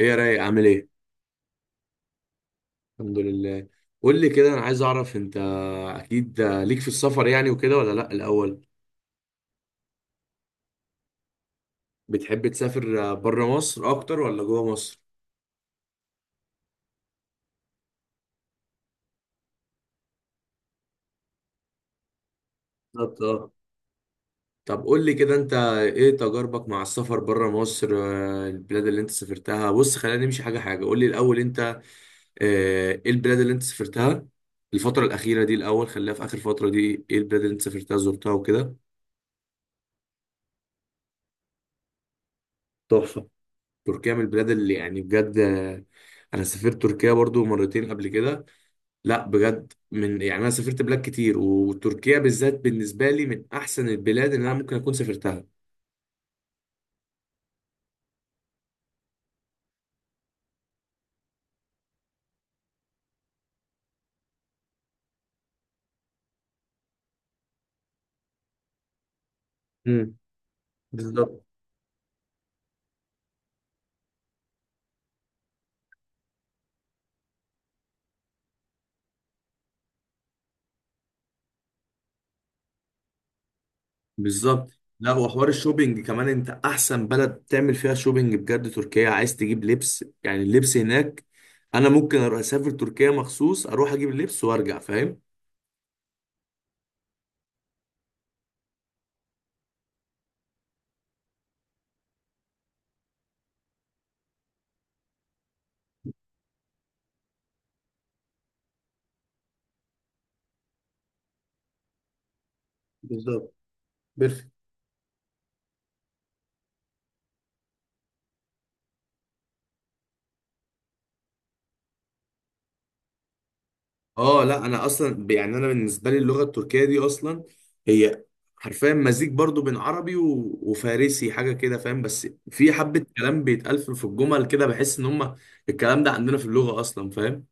ايه يا رايق؟ عامل ايه؟ الحمد لله. قول لي كده، انا عايز اعرف انت اكيد ليك في السفر يعني وكده ولا لا؟ الاول، بتحب تسافر بره مصر اكتر ولا جوه مصر؟ بالظبط، اه. طب قول لي كده، انت ايه تجاربك مع السفر بره مصر؟ البلاد اللي انت سافرتها، بص خلينا نمشي حاجه حاجه. قول لي الاول انت، ايه البلاد اللي انت سافرتها الفتره الاخيره دي؟ الاول خليها في اخر فتره دي، ايه البلاد اللي انت سافرتها، زرتها وكده؟ تحفة. تركيا من البلاد اللي يعني بجد، انا سافرت تركيا برضو مرتين قبل كده. لا بجد، من يعني انا سافرت بلاد كتير، وتركيا بالذات بالنسبه لي من احسن البلاد اللي انا ممكن اكون سافرتها. امم، بالظبط. بالظبط. لا، وحوار الشوبينج كمان، انت احسن بلد تعمل فيها شوبينج بجد تركيا. عايز تجيب لبس يعني، اللبس هناك انا ممكن اروح اسافر تركيا مخصوص اروح اجيب اللبس وارجع، فاهم؟ بالظبط. بيرفكت. اه لا، انا اصلا يعني انا بالنسبه لي اللغه التركيه دي اصلا، هي حرفيا مزيج برضو بين عربي وفارسي حاجه كده فاهم. بس في حبه كلام بيتقال في الجمل كده، بحس ان هم الكلام ده عندنا في اللغه اصلا، فاهم؟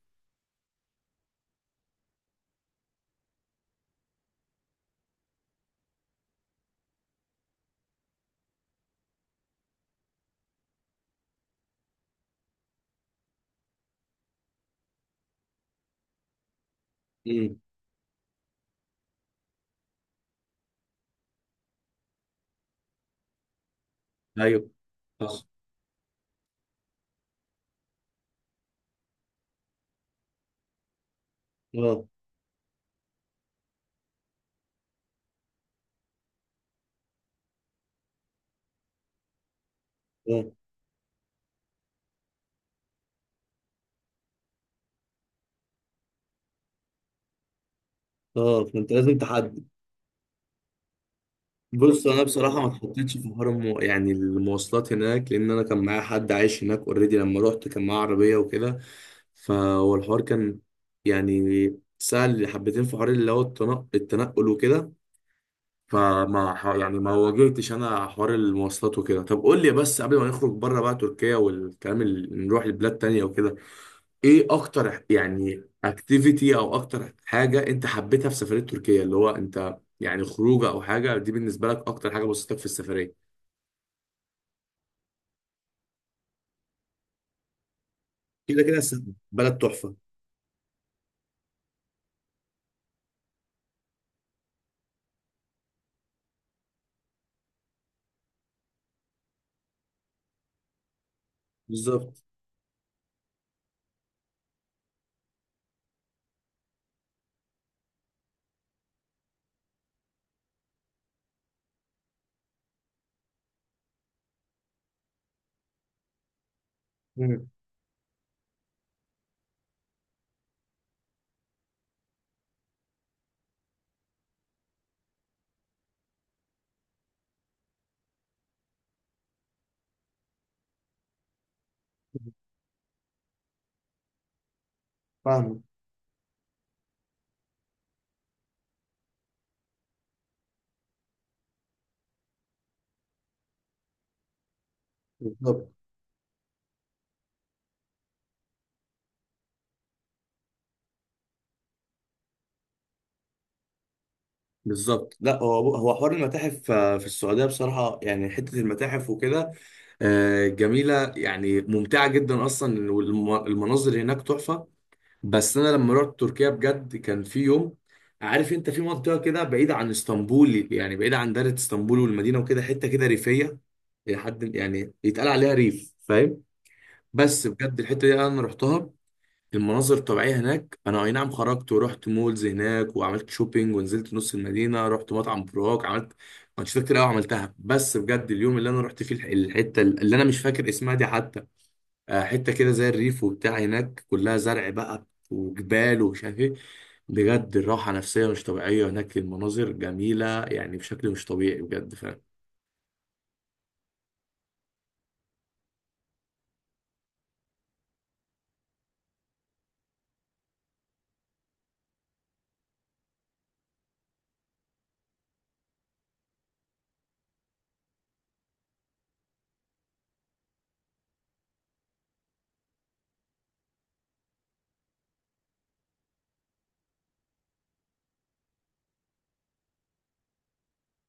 امم، ايوه. صح. اه، اه، اه، فانت لازم تحدد. بص انا بصراحه ما اتحطيتش في حوار يعني المواصلات هناك، لان انا كان معايا حد عايش هناك اوريدي، لما روحت كان معاه عربيه وكده. فهو الحوار كان يعني سهل حبتين في حوار اللي هو التنقل وكده. فما يعني ما واجهتش انا حوار المواصلات وكده. طب قول لي بس قبل ما نخرج بره بقى تركيا والكلام اللي نروح لبلاد تانية وكده، ايه اكتر يعني اكتيفيتي او اكتر حاجه انت حبيتها في سفريه تركيا؟ اللي هو انت يعني خروجه او حاجه، دي بالنسبه لك اكتر حاجه بسطتك في السفريه. كده كده الس- بلد تحفة. بالظبط. مم. فاهمه. بالظبط. بالظبط، لا هو هو حوار المتاحف. في السعودية بصراحة يعني حتة المتاحف وكده، جميلة يعني ممتعة جدا أصلا، والمناظر هناك تحفة. بس انا لما رحت تركيا بجد، كان في يوم، عارف، انت في منطقه كده بعيده عن اسطنبول، يعني بعيده عن دايره اسطنبول والمدينه وكده، حته كده ريفيه الى حد يعني يتقال عليها ريف، فاهم؟ بس بجد الحته دي انا رحتها، المناظر الطبيعيه هناك. انا اي نعم خرجت ورحت مولز هناك وعملت شوبينج، ونزلت نص المدينه، رحت مطعم، براك، عملت انشطه كتير قوي عملتها. بس بجد اليوم اللي انا رحت فيه الحته اللي انا مش فاكر اسمها دي حتى، حته كده زي الريف وبتاع، هناك كلها زرع بقى وجبال ومش عارف ايه، بجد الراحه نفسيه مش طبيعيه هناك، المناظر جميله يعني بشكل مش طبيعي بجد فعلا.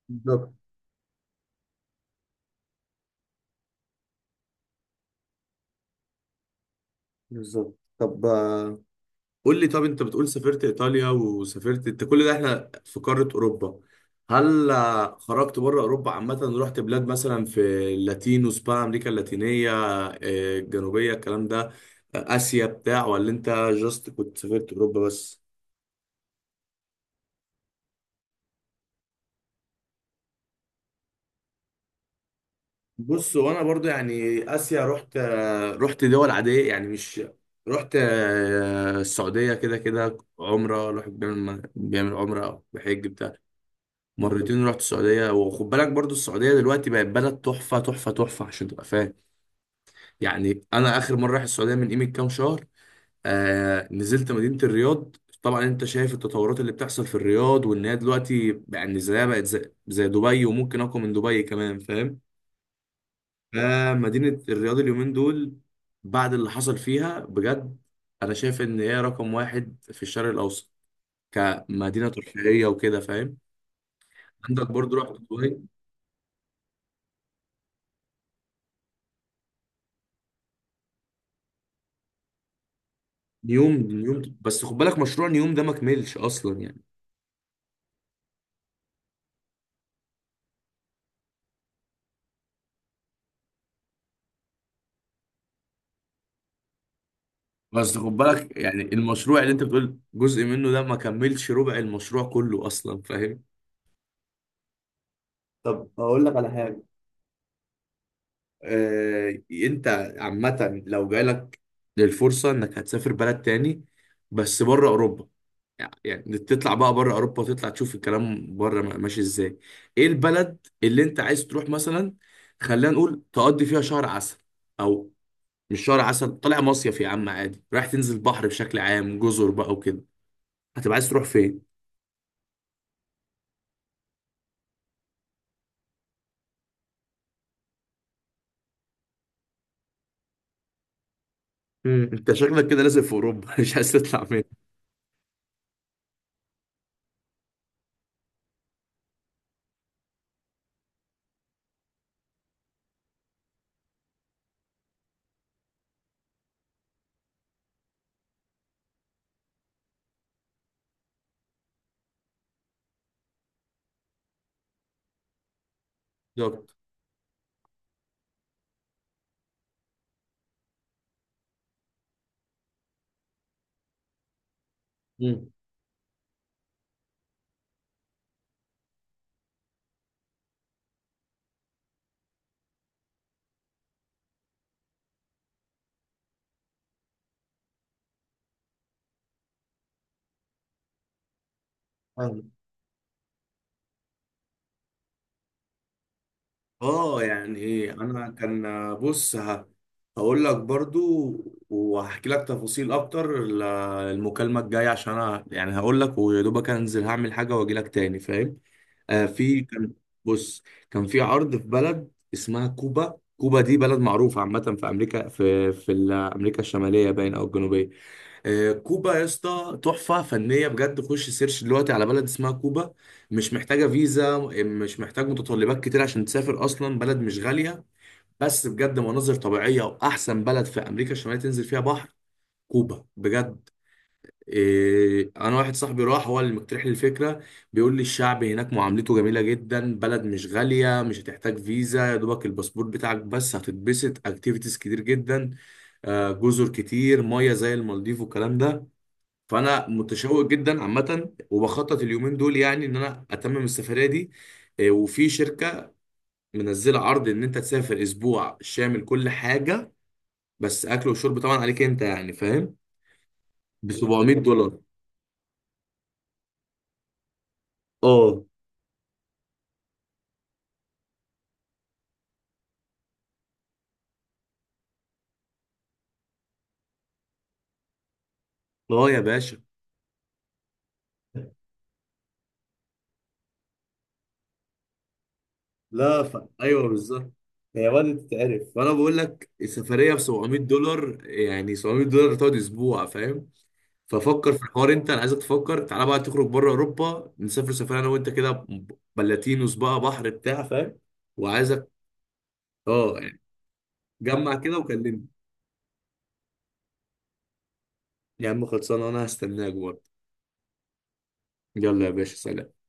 بالظبط. بالظبط. طب قول لي، طب انت بتقول سافرت ايطاليا وسافرت، انت كل ده احنا في قاره اوروبا. هل خرجت بره اوروبا عامه؟ رحت بلاد مثلا في اللاتين وسبان، امريكا اللاتينيه، الجنوبيه، الكلام ده؟ اسيا بتاع، ولا انت جاست كنت سافرت اوروبا بس؟ بص وانا برضو يعني اسيا رحت، رحت دول عاديه يعني، مش رحت. السعوديه كده كده عمره، الواحد بيعمل عمره او بحج بتاع. مرتين رحت السعوديه. وخد بالك برضو، السعوديه دلوقتي بقت بلد تحفه تحفه تحفه، عشان تبقى فاهم. يعني انا اخر مره رايح السعوديه من قيمه كام شهر، آه، نزلت مدينه الرياض. طبعا انت شايف التطورات اللي بتحصل في الرياض، وان هي دلوقتي يعني زيها بقت زي دبي، وممكن اقوى من دبي كمان، فاهم؟ فمدينة الرياض اليومين دول، بعد اللي حصل فيها بجد، أنا شايف إن هي رقم واحد في الشرق الأوسط كمدينة ترفيهية وكده، فاهم؟ عندك برضو رحت دبي. نيوم، نيوم، بس خد بالك مشروع نيوم ده ما كملش أصلا يعني. بس خد بالك يعني المشروع اللي أنت بتقول جزء منه ده، ما كملش ربع المشروع كله أصلا، فاهم؟ طب اقول لك على حاجه، انت عامة لو جالك للفرصة انك هتسافر بلد تاني، بس بره اوروبا، يعني تطلع بقى بره اوروبا وتطلع تشوف الكلام بره ماشي ازاي، ايه البلد اللي انت عايز تروح مثلا؟ خلينا نقول تقضي فيها شهر عسل، او مش شهر عسل، طالع مصيف يا عم عادي، رايح تنزل بحر بشكل عام، جزر بقى وكده، هتبقى عايز تروح فين؟ مم. انت شكلك كده لازم في اوروبا. مش عايز تطلع فين؟ بالظبط. مم. اه يعني ايه، انا كان، بص، هقول لك برضو وهحكي لك تفاصيل اكتر المكالمه الجايه، عشان انا يعني هقول لك ويا دوبك انزل هعمل حاجه واجي لك تاني، فاهم؟ آه، في كان، بص، كان في عرض في بلد اسمها كوبا. كوبا دي بلد معروفه عامه في امريكا، في في امريكا الشماليه باين او الجنوبيه. كوبا يا اسطى تحفة فنية بجد. خش سيرش دلوقتي على بلد اسمها كوبا. مش محتاجة فيزا، مش محتاج متطلبات كتير عشان تسافر، أصلا بلد مش غالية. بس بجد مناظر طبيعية، وأحسن بلد في أمريكا الشمالية تنزل فيها بحر كوبا بجد. إيه، أنا واحد صاحبي راح، هو اللي مقترح لي الفكرة. بيقول لي الشعب هناك معاملته جميلة جدا، بلد مش غالية، مش هتحتاج فيزا، يا دوبك الباسبور بتاعك بس، هتتبسط، أكتيفيتيز كتير جدا، جزر كتير مية زي المالديف والكلام ده. فانا متشوق جدا عامه، وبخطط اليومين دول يعني ان انا اتمم السفريه دي. إيه، وفي شركه منزله عرض ان انت تسافر اسبوع شامل كل حاجه، بس اكل وشرب طبعا عليك انت، يعني فاهم؟ ب $700. اه. اه يا باشا. لا ف... ايوه بالظبط. هي بدأت تتعرف، فانا بقول لك السفريه ب $700، يعني $700 تقعد اسبوع، فاهم؟ ففكر في الحوار انت، انا عايزك تفكر، تعالى بقى تخرج بره اوروبا، نسافر سفريه انا وانت كده، بلاتينوس بقى، بحر بتاع، فاهم؟ وعايزك، اه يعني جمع كده وكلمني. يا عم خلصانه، انا هستناك برضه. يلا يا باشا، سلام.